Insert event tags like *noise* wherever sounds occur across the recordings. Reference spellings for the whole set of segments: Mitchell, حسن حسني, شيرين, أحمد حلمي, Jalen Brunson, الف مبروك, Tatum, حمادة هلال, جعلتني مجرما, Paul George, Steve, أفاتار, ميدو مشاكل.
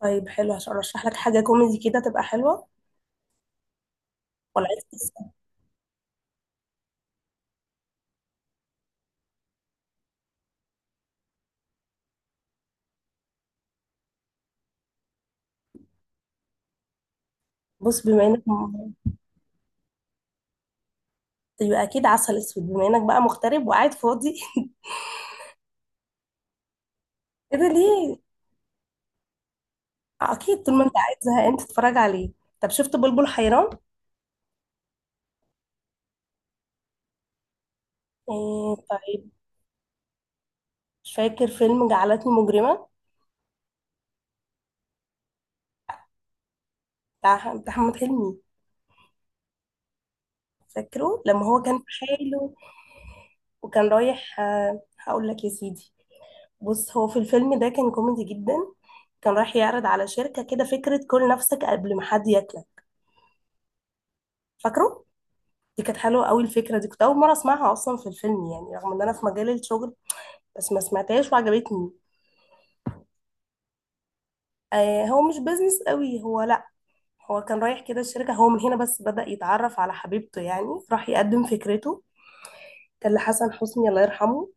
طيب، حلو عشان ارشح لك حاجه كوميدي كده تبقى حلوه. ولا عايز قصة؟ بص، بما انك طيب، يبقى اكيد عسل اسود بما انك بقى مغترب وقاعد فاضي. *laughs* كده ليه؟ آه، اكيد طول ما انت قاعد زهقان تتفرج عليه. طب شفت بلبل حيران؟ إيه، طيب. مش فاكر فيلم جعلتني مجرمه؟ بتاع محمد حلمي. فاكره لما هو كان في حاله وكان رايح؟ هقول لك يا سيدي، بص هو في الفيلم ده كان كوميدي جدا. كان رايح يعرض على شركة كده فكرة كل نفسك قبل ما حد ياكلك. فاكره؟ دي كانت حلوة قوي الفكرة دي، كنت أول مرة أسمعها أصلا في الفيلم يعني، رغم إن أنا في مجال الشغل بس ما سمعتهاش وعجبتني. آه، هو مش بيزنس قوي هو، لأ. هو كان رايح كده الشركة، هو من هنا بس بدأ يتعرف على حبيبته يعني. راح يقدم فكرته. كان لحسن حسني، الله يرحمه.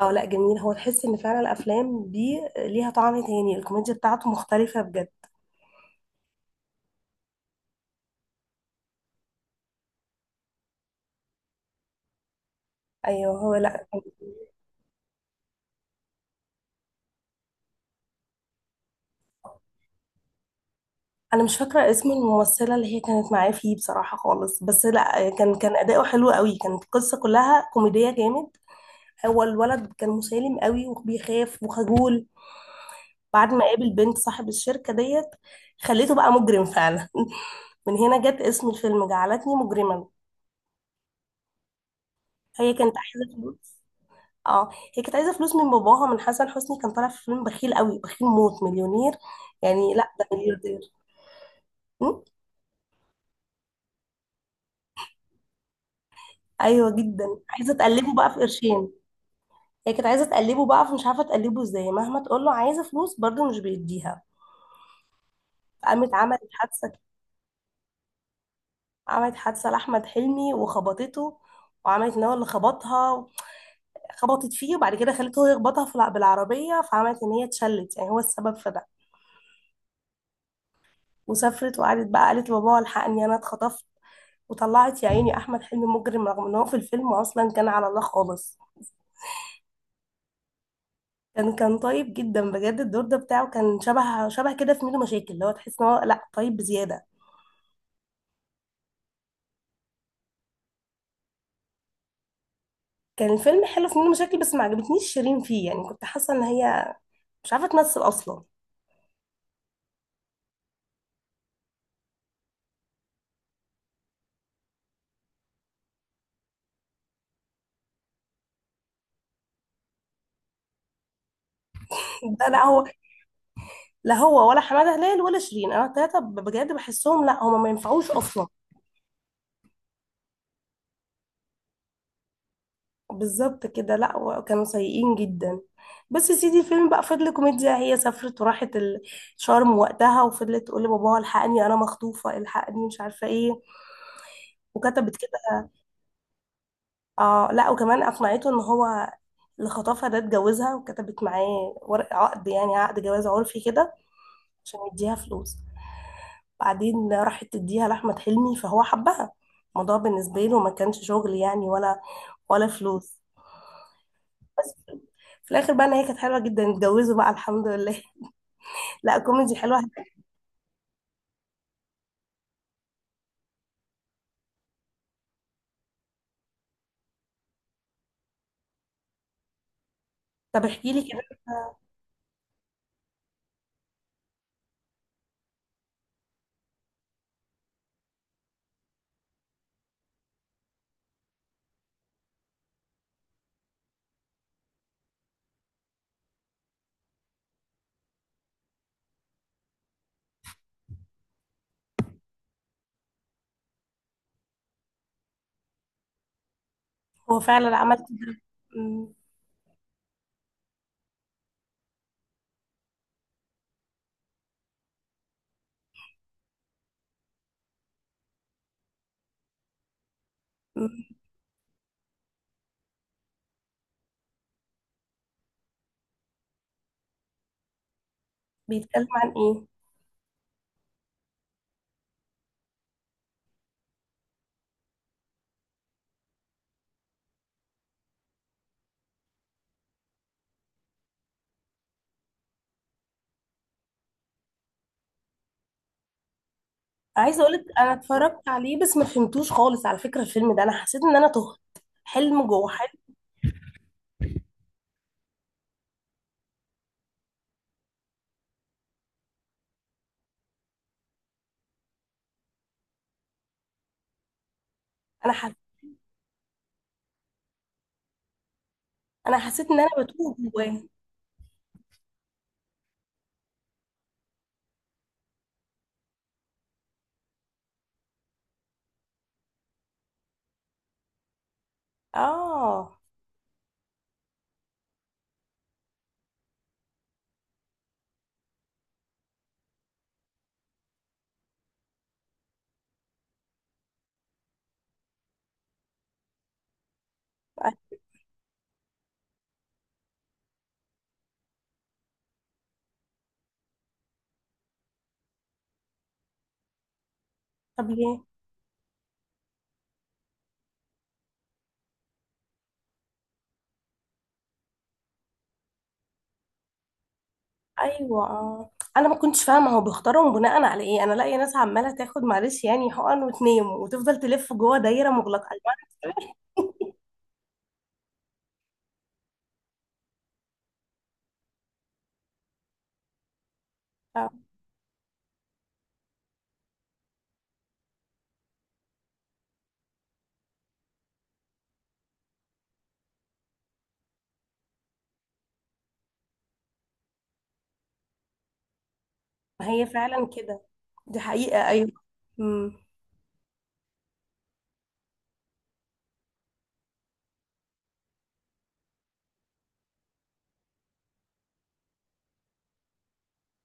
اه لأ، جميل. هو تحس إن فعلا الأفلام دي ليها طعم تاني، الكوميديا بتاعته مختلفة بجد. ايوه هو، لا. انا مش فاكره اسم الممثله اللي هي كانت معاه فيه بصراحه خالص، بس لا كان اداؤه حلو قوي، كانت القصه كلها كوميديه جامد. هو الولد كان مسالم قوي وبيخاف وخجول. بعد ما قابل بنت صاحب الشركة ديت، خليته بقى مجرم فعلا. *laughs* من هنا جت اسم الفيلم جعلتني مجرما. هي كانت عايزة فلوس. اه، هي كانت عايزة فلوس من باباها. من حسن حسني، كان طالع في فيلم بخيل قوي، بخيل موت، مليونير. يعني لا، ده ملياردير. م؟ ايوه جدا، عايزة تقلبه بقى في قرشين. هي كانت عايزة تقلبه بقى، فمش عارفة تقلبه ازاي، مهما تقول له عايزة فلوس برضه مش بيديها. قامت عملت حادثة. عملت حادثة لأحمد حلمي وخبطته، وعملت ان هو اللي خبطها. خبطت فيه، وبعد كده خلته هو يخبطها في بالعربية، فعملت ان هي اتشلت يعني هو السبب في ده. وسافرت وقعدت بقى، قالت لبابا الحقني انا اتخطفت. وطلعت يا عيني احمد حلمي مجرم، رغم ان هو في الفيلم اصلا كان على الله خالص. كان طيب جدا بجد. الدور ده بتاعه كان شبه كده في ميدو مشاكل، اللي هو تحس ان هو لا طيب بزيادة. كان الفيلم حلو في ميدو مشاكل، بس ما عجبتنيش شيرين فيه، يعني كنت حاسة ان هي مش عارفة تمثل اصلا. *laughs* ده لا هو. لا هو ولا حماده هلال ولا شيرين، انا التلاته بجد بحسهم لا هما ما ينفعوش اصلا. بالظبط كده، لا كانوا سيئين جدا. بس يا سيدي، الفيلم بقى فضل كوميديا. هي سافرت وراحت شرم وقتها، وفضلت تقول لباباها الحقني انا مخطوفه الحقني مش عارفه ايه. وكتبت كده. اه لا، وكمان اقنعته ان هو اللي خطفها ده اتجوزها، وكتبت معاه ورق عقد يعني عقد جواز عرفي كده، عشان يديها فلوس. بعدين راحت تديها لأحمد حلمي، فهو حبها. الموضوع بالنسبة له ما كانش شغل يعني ولا فلوس. بس في الآخر بقى، إن هي كانت حلوة جدا، اتجوزوا بقى الحمد لله. *laughs* لا، كوميدي حلوة. طب احكي لي كده. هو فعلا عمل كده. أمم. أمم. بيتكلم عن إيه؟ عايزة أقولك، أنا اتفرجت عليه بس ما فهمتوش خالص على فكرة، الفيلم ده أنا حسيت إن أنا تهت. حلم جوه حلم. أنا حسيت أنا حسيت إن أنا بتوه جواه. آه. طب ليه؟ ايوه، آه. انا ما كنتش فاهمه هو بيختارهم بناء على ايه، انا لاقيه ناس عماله تاخد، معلش يعني، حقن وتنام وتفضل تلف جوه دايره مغلقه. أيوة. آه. ما هي فعلا كده، دي حقيقه، ايوه. امم.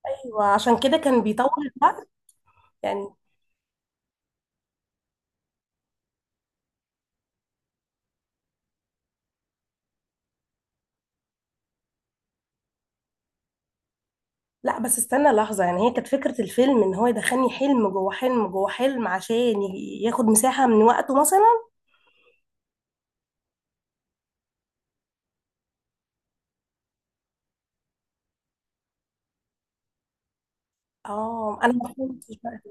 ايوه، عشان كده كان بيطول الوقت يعني. لا، بس استنى لحظه، يعني هي كانت فكره الفيلم ان هو يدخلني حلم جوه حلم جوه حلم، عشان ياخد مساحه من وقته مثلا. اه، انا ما فهمتش بقى.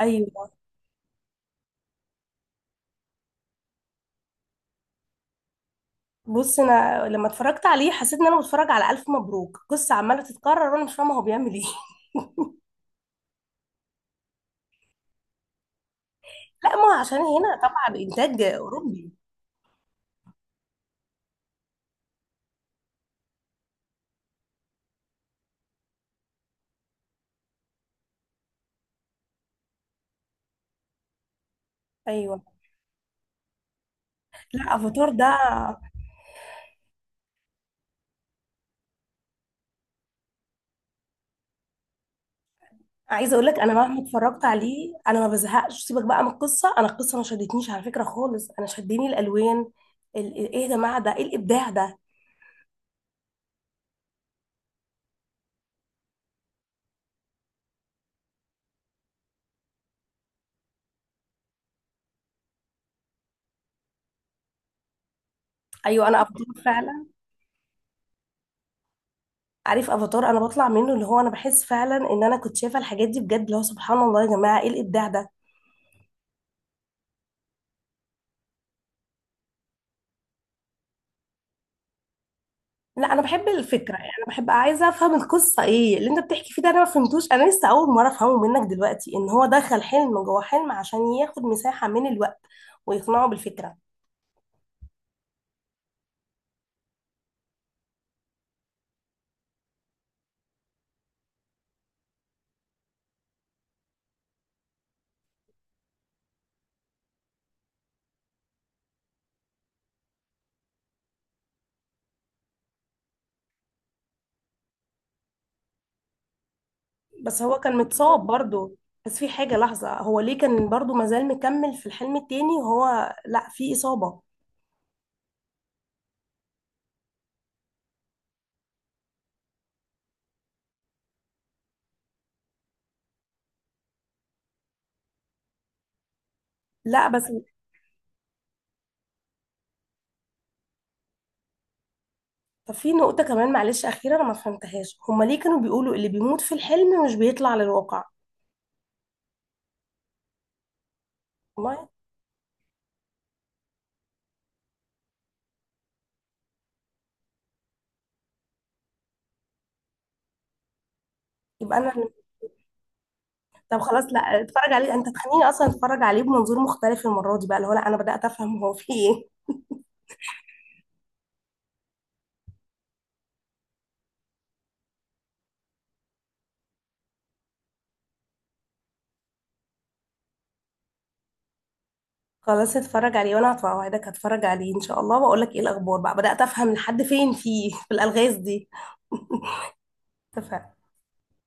ايوه. بص، انا لما اتفرجت عليه حسيت ان انا بتفرج على الف مبروك، قصه عماله تتكرر وانا مش فاهمه هو بيعمل ايه. *laughs* لا، ما هو عشان هنا طبعا انتاج اوروبي. ايوه. لا، افاتار ده. عايزه اقول لك، انا مهما اتفرجت عليه انا ما بزهقش. سيبك بقى من القصه، انا القصه ما شدتنيش على فكره خالص، انا شدني الالوان ايه يا جماعه، ده ايه الابداع ده! ايوه انا، افاتار فعلا. عارف افاتار، انا بطلع منه اللي هو انا بحس فعلا ان انا كنت شايفه الحاجات دي بجد، اللي هو سبحان الله يا جماعه، ايه الابداع ده! لا انا بحب الفكره، يعني انا بحب عايزه افهم القصه ايه اللي انت بتحكي فيه. ده انا ما فهمتوش، انا لسه اول مره افهمه منك دلوقتي، ان هو دخل حلم جوه حلم عشان ياخد مساحه من الوقت ويقنعه بالفكره. بس هو كان متصاب برضه. بس في حاجه لحظه، هو ليه كان برضه مازال مكمل في الحلم التاني وهو لا في اصابه؟ لا بس. طب في نقطه كمان، معلش، اخيره انا ما فهمتهاش، هما ليه كانوا بيقولوا اللي بيموت في الحلم مش بيطلع للواقع؟ والله. يبقى انا. طب خلاص لا، اتفرج عليه. انت تخليني اصلا اتفرج عليه بمنظور مختلف المره دي بقى، اللي هو لا انا بدات افهم هو في ايه. خلاص اتفرج عليه، وانا هتوعدك هتفرج عليه ان شاء الله، واقول لك ايه الاخبار بقى، بدات افهم لحد فين فيه في الالغاز دي. *laughs* اتفقنا.